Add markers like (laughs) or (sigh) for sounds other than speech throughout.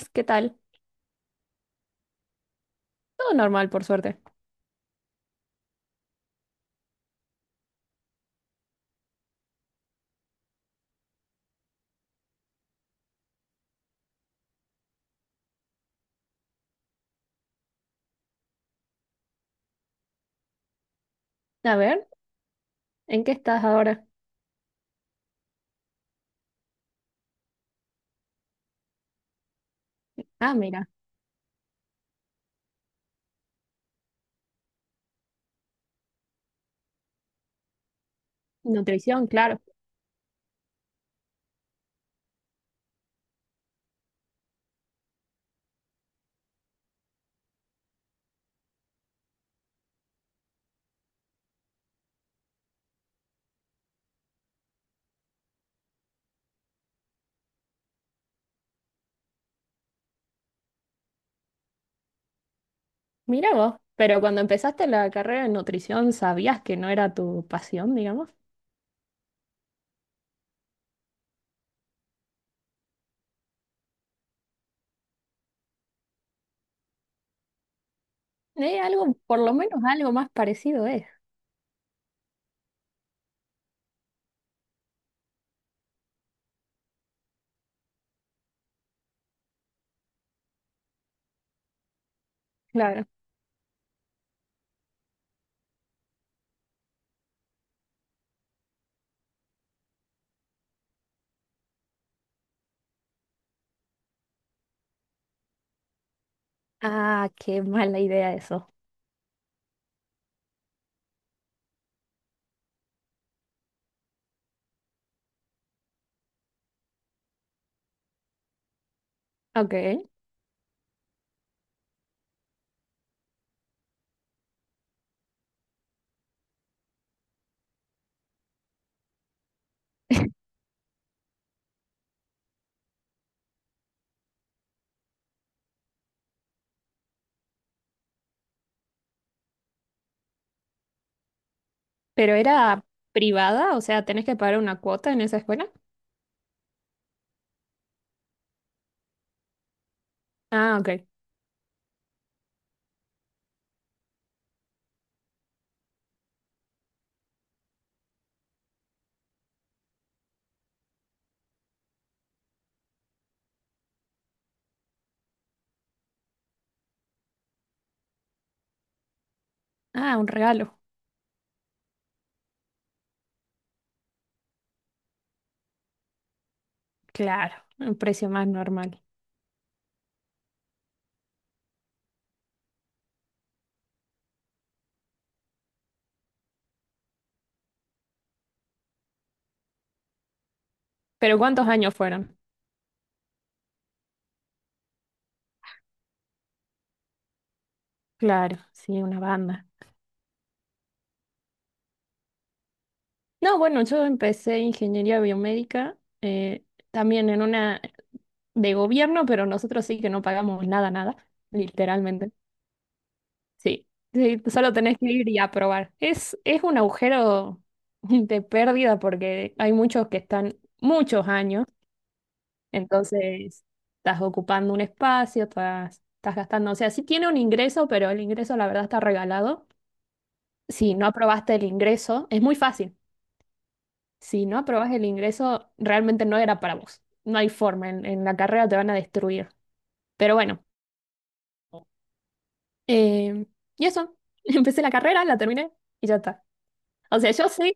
Buenas, ¿qué tal? Todo normal, por suerte. A ver, ¿en qué estás ahora? Ah, mira, nutrición, claro. Mira vos, pero cuando empezaste la carrera de nutrición, ¿sabías que no era tu pasión, digamos? Algo, por lo menos algo más parecido es, claro. Ah, qué mala idea eso. Ok, (laughs) pero era privada, o sea, ¿tenés que pagar una cuota en esa escuela? Ah, ok. Ah, un regalo. Claro, un precio más normal. ¿Pero cuántos años fueron? Claro, sí, una banda. No, bueno, yo empecé ingeniería biomédica, eh, también en una de gobierno, pero nosotros sí que no pagamos nada, nada, literalmente. Sí, sí, solo tenés que ir y aprobar. Es un agujero (laughs) de pérdida porque hay muchos que están muchos años, entonces estás ocupando un espacio, estás, estás gastando, o sea, sí tiene un ingreso, pero el ingreso la verdad está regalado. Si no aprobaste el ingreso, es muy fácil. Si no aprobás el ingreso, realmente no era para vos. No hay forma, en la carrera te van a destruir. Pero bueno, eh, y eso, (laughs) empecé la carrera, la terminé y ya está. O sea, yo soy,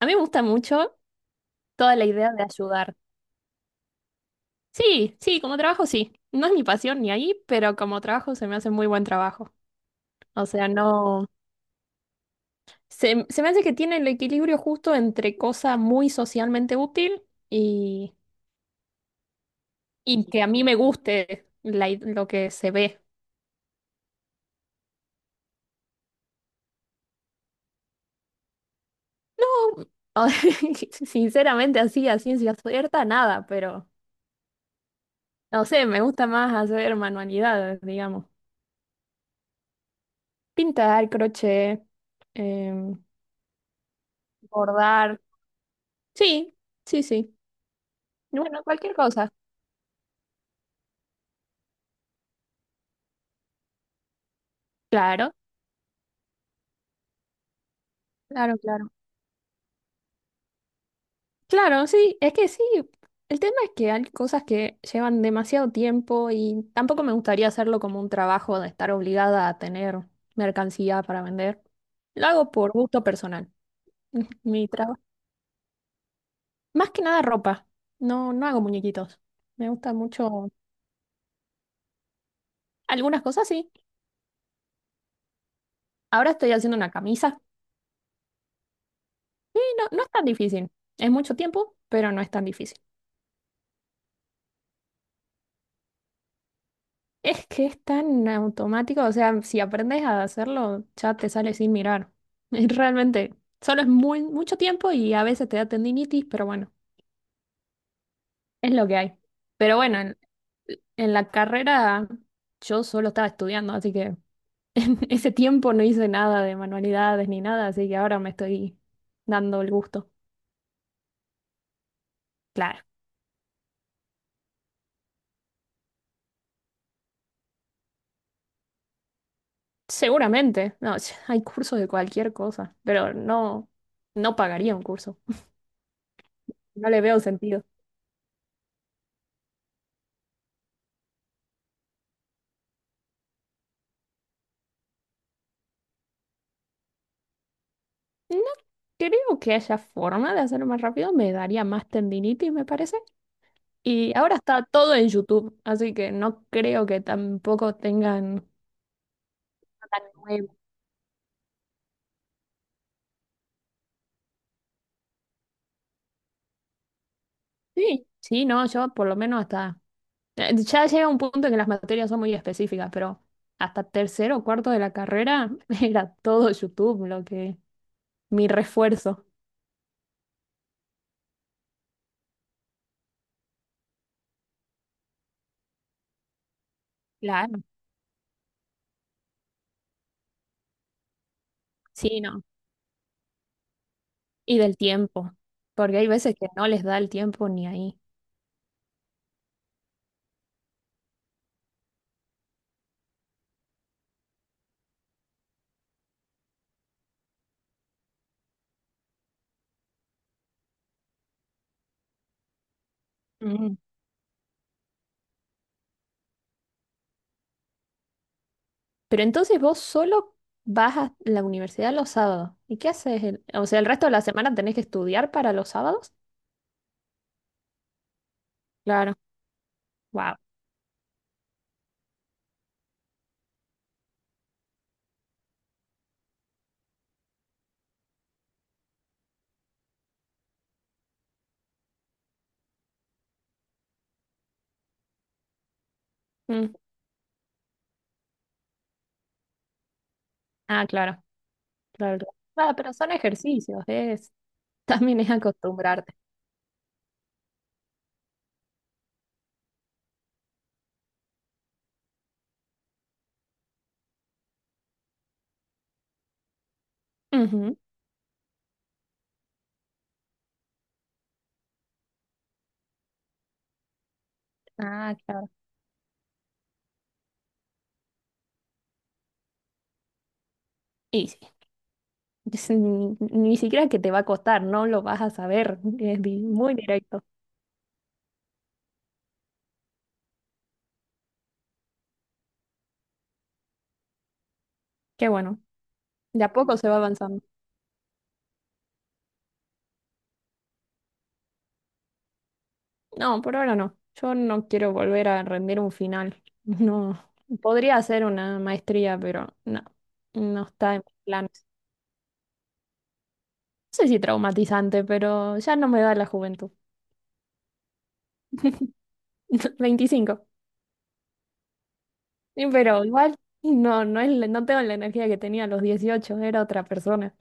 a mí me gusta mucho toda la idea de ayudar. Sí, sí, como trabajo sí. No es mi pasión ni ahí, pero como trabajo se me hace muy buen trabajo. O sea, no, se me hace que tiene el equilibrio justo entre cosa muy socialmente útil y, y que a mí me guste la lo que se ve. No, (laughs) sinceramente así, a ciencia cierta, nada, pero no sé, me gusta más hacer manualidades, digamos. Pintar, crochet, em, bordar. Sí, sí, sí. Bueno, cualquier cosa. Claro, claro, claro. Claro, sí, es que sí. El tema es que hay cosas que llevan demasiado tiempo y tampoco me gustaría hacerlo como un trabajo de estar obligada a tener mercancía para vender. Lo hago por gusto personal. (laughs) Mi trabajo. Más que nada ropa. No, no hago muñequitos. Me gusta mucho. Algunas cosas sí. Ahora estoy haciendo una camisa. Y no, no es tan difícil. Es mucho tiempo, pero no es tan difícil. Es que es tan automático. O sea, si aprendes a hacerlo, ya te sale sin mirar. (laughs) Es realmente, solo es muy, mucho tiempo y a veces te da tendinitis, pero bueno, es lo que hay. Pero bueno, en la carrera yo solo estaba estudiando, así que en ese tiempo no hice nada de manualidades ni nada, así que ahora me estoy dando el gusto. Claro, seguramente. No, (laughs) hay cursos de cualquier cosa, pero no, no pagaría un curso. No le veo sentido. No creo que haya forma de hacerlo más rápido. Me daría más tendinitis, me parece. Y ahora está todo en YouTube, así que no creo que tampoco tengan... tan nuevo. Sí, sí, no, yo por lo menos hasta... ya llega un punto en que las materias son muy específicas, pero hasta tercero o cuarto de la carrera (laughs) era todo YouTube lo que mi refuerzo. Claro. Sí, no. Y del tiempo, porque hay veces que no les da el tiempo ni ahí. Mm. Pero entonces vos solo vas a la universidad los sábados. ¿Y qué haces? O sea, el resto de la semana tenés que estudiar para los sábados. Claro. Wow. Mm. Ah, claro, claro, claro. Ah, pero son ejercicios, es, (laughs) también es acostumbrarte. Ujú. Ah, claro. Y sí, es ni, ni siquiera que te va a costar, no lo vas a saber, es muy directo. Qué bueno, de a poco se va avanzando. No, por ahora no. Yo no quiero volver a rendir un final. (laughs) No, podría hacer una maestría, pero no, no está en mis planes. No sé si traumatizante, pero ya no me da la juventud. (laughs) 25. Sí, pero igual no, no es, no tengo la energía que tenía a los 18, era otra persona.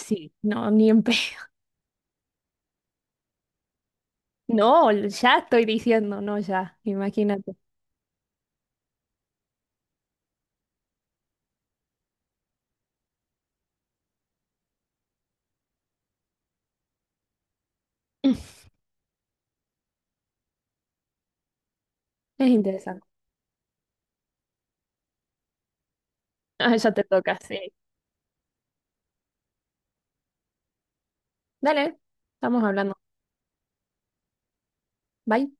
Sí, no, ni en pedo. No, ya estoy diciendo, no ya, imagínate. (laughs) Es interesante. Ah, ya te toca, sí. Dale, estamos hablando. Bye.